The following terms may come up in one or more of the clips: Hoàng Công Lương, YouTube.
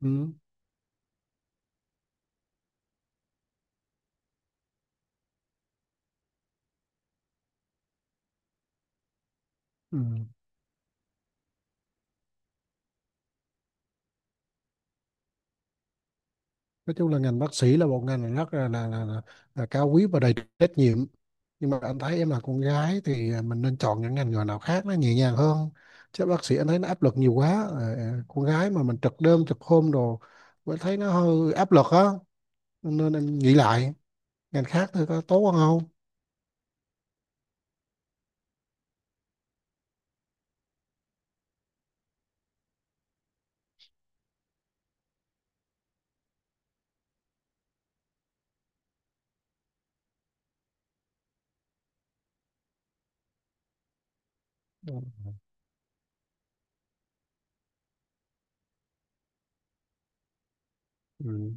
Ừ, ừ. Nói chung là ngành bác sĩ là một ngành rất là cao quý và đầy trách nhiệm, nhưng mà anh thấy em là con gái thì mình nên chọn những ngành nghề nào khác nó nhẹ nhàng hơn, chứ bác sĩ anh thấy nó áp lực nhiều quá. Ờ, con gái mà mình trực đêm trực hôm đồ, anh thấy nó hơi áp lực á, nên anh nghĩ lại ngành khác thôi có tốt hơn không. Ừ.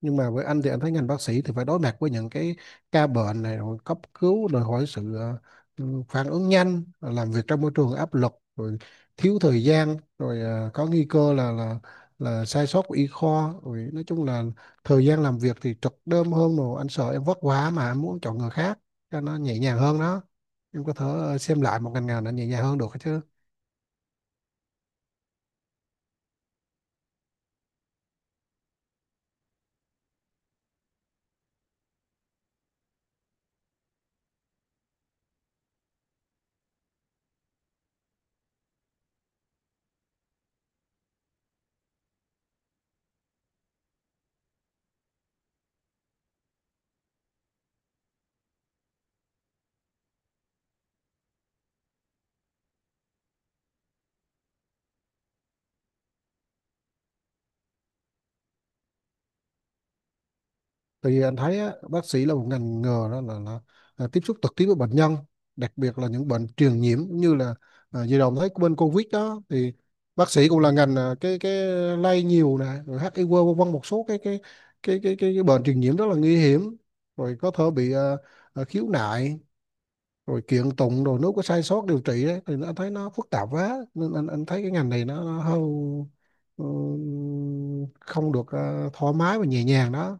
Nhưng mà với anh thì anh thấy ngành bác sĩ thì phải đối mặt với những cái ca bệnh này rồi cấp cứu, đòi hỏi sự phản ứng nhanh, rồi làm việc trong môi trường áp lực, rồi thiếu thời gian, rồi có nguy cơ là sai sót của y khoa, rồi nói chung là thời gian làm việc thì trực đêm hơn, rồi anh sợ em vất quá mà em muốn chọn người khác cho nó nhẹ nhàng hơn đó. Em có thể xem lại một ngành nào nó nhẹ nhàng hơn được chứ. Tại vì anh thấy á, bác sĩ là một ngành nghề đó là tiếp xúc trực tiếp với bệnh nhân, đặc biệt là những bệnh truyền nhiễm, như là vừa đồng thấy bên Covid đó thì bác sĩ cũng là ngành cái lây nhiều nè, rồi HIV vân vân, một số cái bệnh truyền nhiễm rất là nguy hiểm, rồi có thể bị khiếu nại, rồi kiện tụng, rồi nếu có sai sót điều trị đấy thì anh thấy nó phức tạp quá, nên anh thấy cái ngành này nó hơi ừ, không được thoải mái và nhẹ nhàng đó.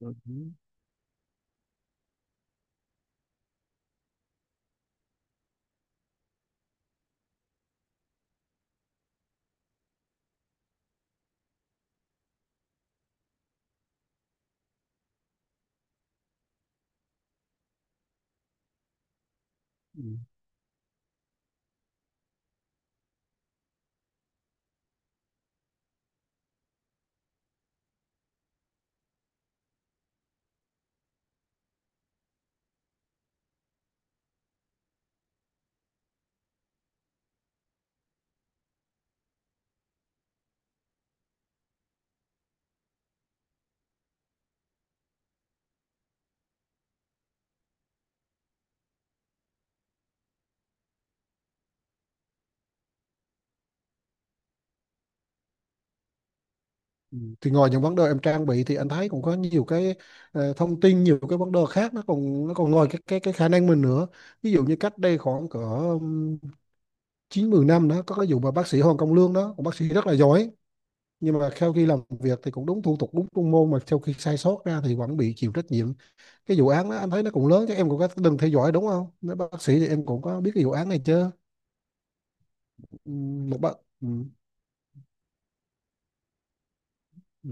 Ừ. Ừ. Ừ. Thì ngoài những vấn đề em trang bị thì anh thấy cũng có nhiều cái thông tin, nhiều cái vấn đề khác, nó còn ngoài cái khả năng mình nữa. Ví dụ như cách đây khoảng cỡ chín mười năm đó, có cái vụ mà bác sĩ Hoàng Công Lương đó, một bác sĩ rất là giỏi, nhưng mà sau khi làm việc thì cũng đúng thủ tục, đúng chuyên môn, mà sau khi sai sót ra thì vẫn bị chịu trách nhiệm. Cái vụ án đó anh thấy nó cũng lớn chứ, em cũng có đừng theo dõi đúng không, nếu bác sĩ thì em cũng có biết cái vụ án này chứ. Ừ, một bác Ừ. Ừ.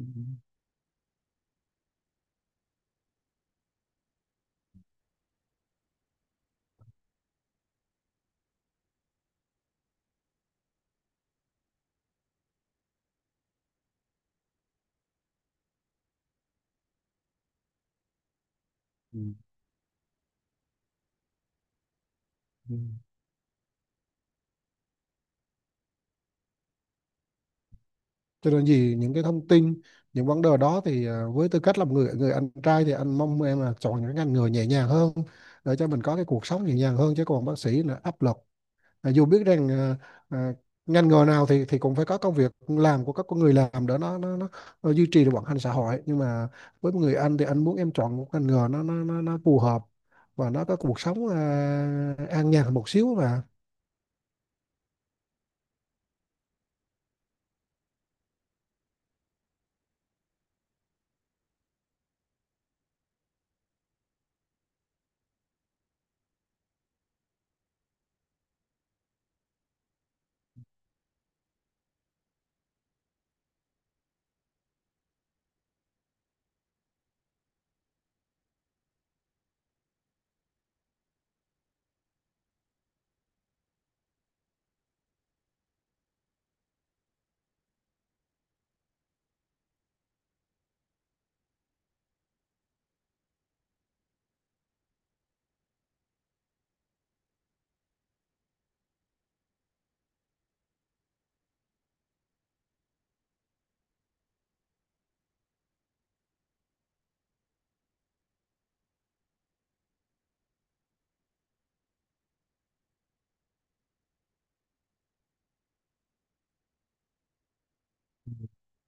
Ừ. Ừ. Cho nên gì những cái thông tin, những vấn đề đó thì với tư cách là một người người anh trai thì anh mong em là chọn những ngành nghề nhẹ nhàng hơn, để cho mình có cái cuộc sống nhẹ nhàng hơn, chứ còn bác sĩ là áp lực. Dù biết rằng à, ngành nghề nào thì cũng phải có công việc làm của các con người làm để nó duy trì được vận hành xã hội, nhưng mà với một người anh thì anh muốn em chọn một ngành nghề nó phù hợp, và nó có cuộc sống an nhàn một xíu mà.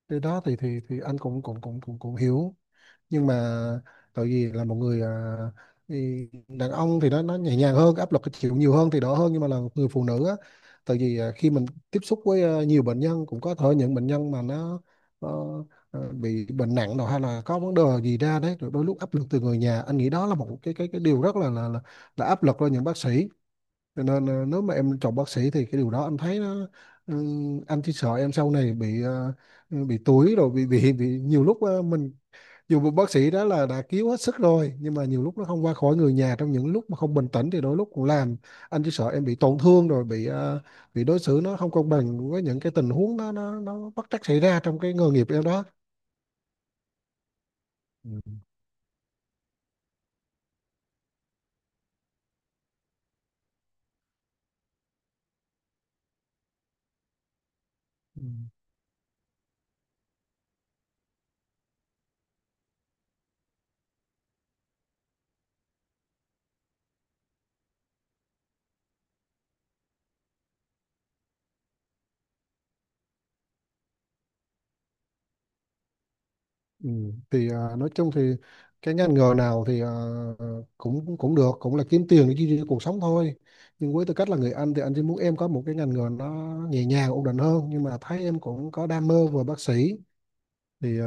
Cái đó thì thì anh cũng cũng cũng cũng cũng hiểu, nhưng mà tại vì là một người thì đàn ông thì nó nhẹ nhàng hơn, áp lực chịu nhiều hơn thì đỡ hơn, nhưng mà là một người phụ nữ á, tại vì khi mình tiếp xúc với nhiều bệnh nhân, cũng có thể những bệnh nhân mà nó ờ, bị bệnh nặng rồi, hay là có vấn đề gì ra đấy, rồi đôi lúc áp lực từ người nhà, anh nghĩ đó là một cái điều rất là áp lực cho những bác sĩ. Cho nên nếu mà em chọn bác sĩ thì cái điều đó anh thấy nó ừ, anh chỉ sợ em sau này bị bị túi, rồi bị nhiều lúc mình, dù một bác sĩ đó là đã cứu hết sức rồi, nhưng mà nhiều lúc nó không qua khỏi, người nhà trong những lúc mà không bình tĩnh thì đôi lúc cũng làm, anh chỉ sợ em bị tổn thương, rồi bị bị đối xử nó không công bằng với những cái tình huống nó bất trắc xảy ra trong cái nghề nghiệp em đó. Ừ. Ừ. Ừ. Thì nói chung thì cái ngành nghề nào thì cũng cũng được, cũng là kiếm tiền để duy trì cuộc sống thôi, nhưng với tư cách là người anh thì anh chỉ muốn em có một cái ngành nghề nó nhẹ nhàng, ổn định hơn, nhưng mà thấy em cũng có đam mê về bác sĩ, thì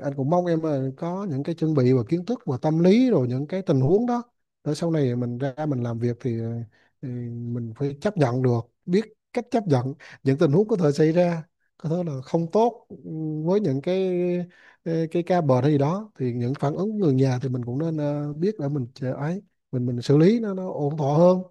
anh cũng mong em là có những cái chuẩn bị và kiến thức và tâm lý rồi những cái tình huống đó, để sau này mình ra mình làm việc thì mình phải chấp nhận được, biết cách chấp nhận những tình huống có thể xảy ra, có thể là không tốt, với những cái ca bệnh hay gì đó, thì những phản ứng người nhà thì mình cũng nên biết để mình chờ ấy, mình xử lý nó ổn thỏa hơn.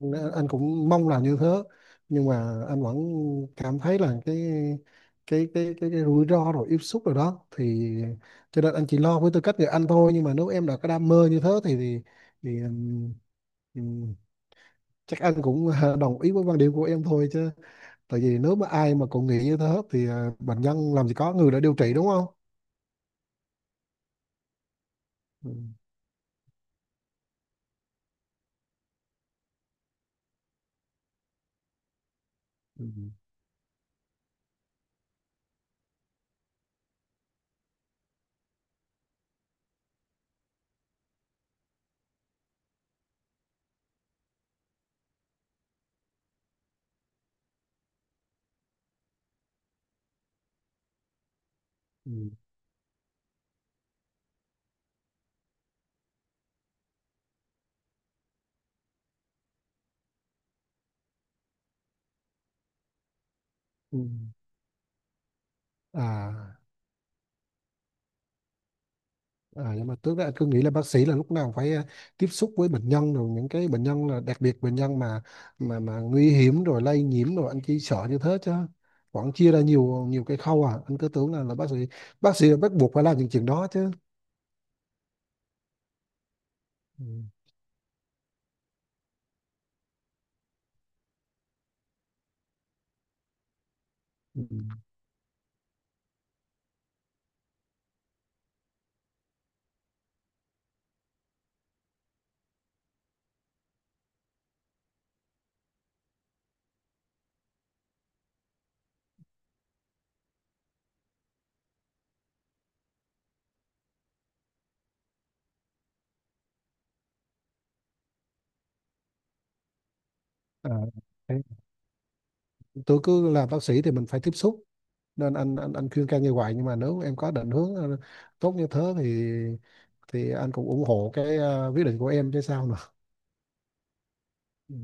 Nên anh cũng mong là như thế, nhưng mà anh vẫn cảm thấy là cái rủi ro rồi tiếp xúc rồi đó, thì cho nên anh chỉ lo với tư cách người anh thôi, nhưng mà nếu em đã có đam mê như thế thì ừm, chắc anh cũng đồng ý với quan điểm của em thôi chứ, tại vì nếu mà ai mà cũng nghĩ như thế thì bệnh nhân làm gì có người đã điều trị, đúng không. Ừ. Ừ. Ừ. Ừ. à À, nhưng mà trước đó anh cứ nghĩ là bác sĩ là lúc nào phải tiếp xúc với bệnh nhân, rồi những cái bệnh nhân là đặc biệt bệnh nhân mà mà nguy hiểm rồi lây nhiễm, rồi anh chỉ sợ như thế chứ vẫn chia ra nhiều nhiều cái khâu, anh cứ tưởng là bác sĩ là bắt buộc phải làm những chuyện đó chứ. Ừ. Ừ. À, thế tôi cứ làm bác sĩ thì mình phải tiếp xúc, nên anh khuyên can như vậy, nhưng mà nếu em có định hướng tốt như thế thì anh cũng ủng hộ cái quyết định của em chứ sao nữa. Ừ.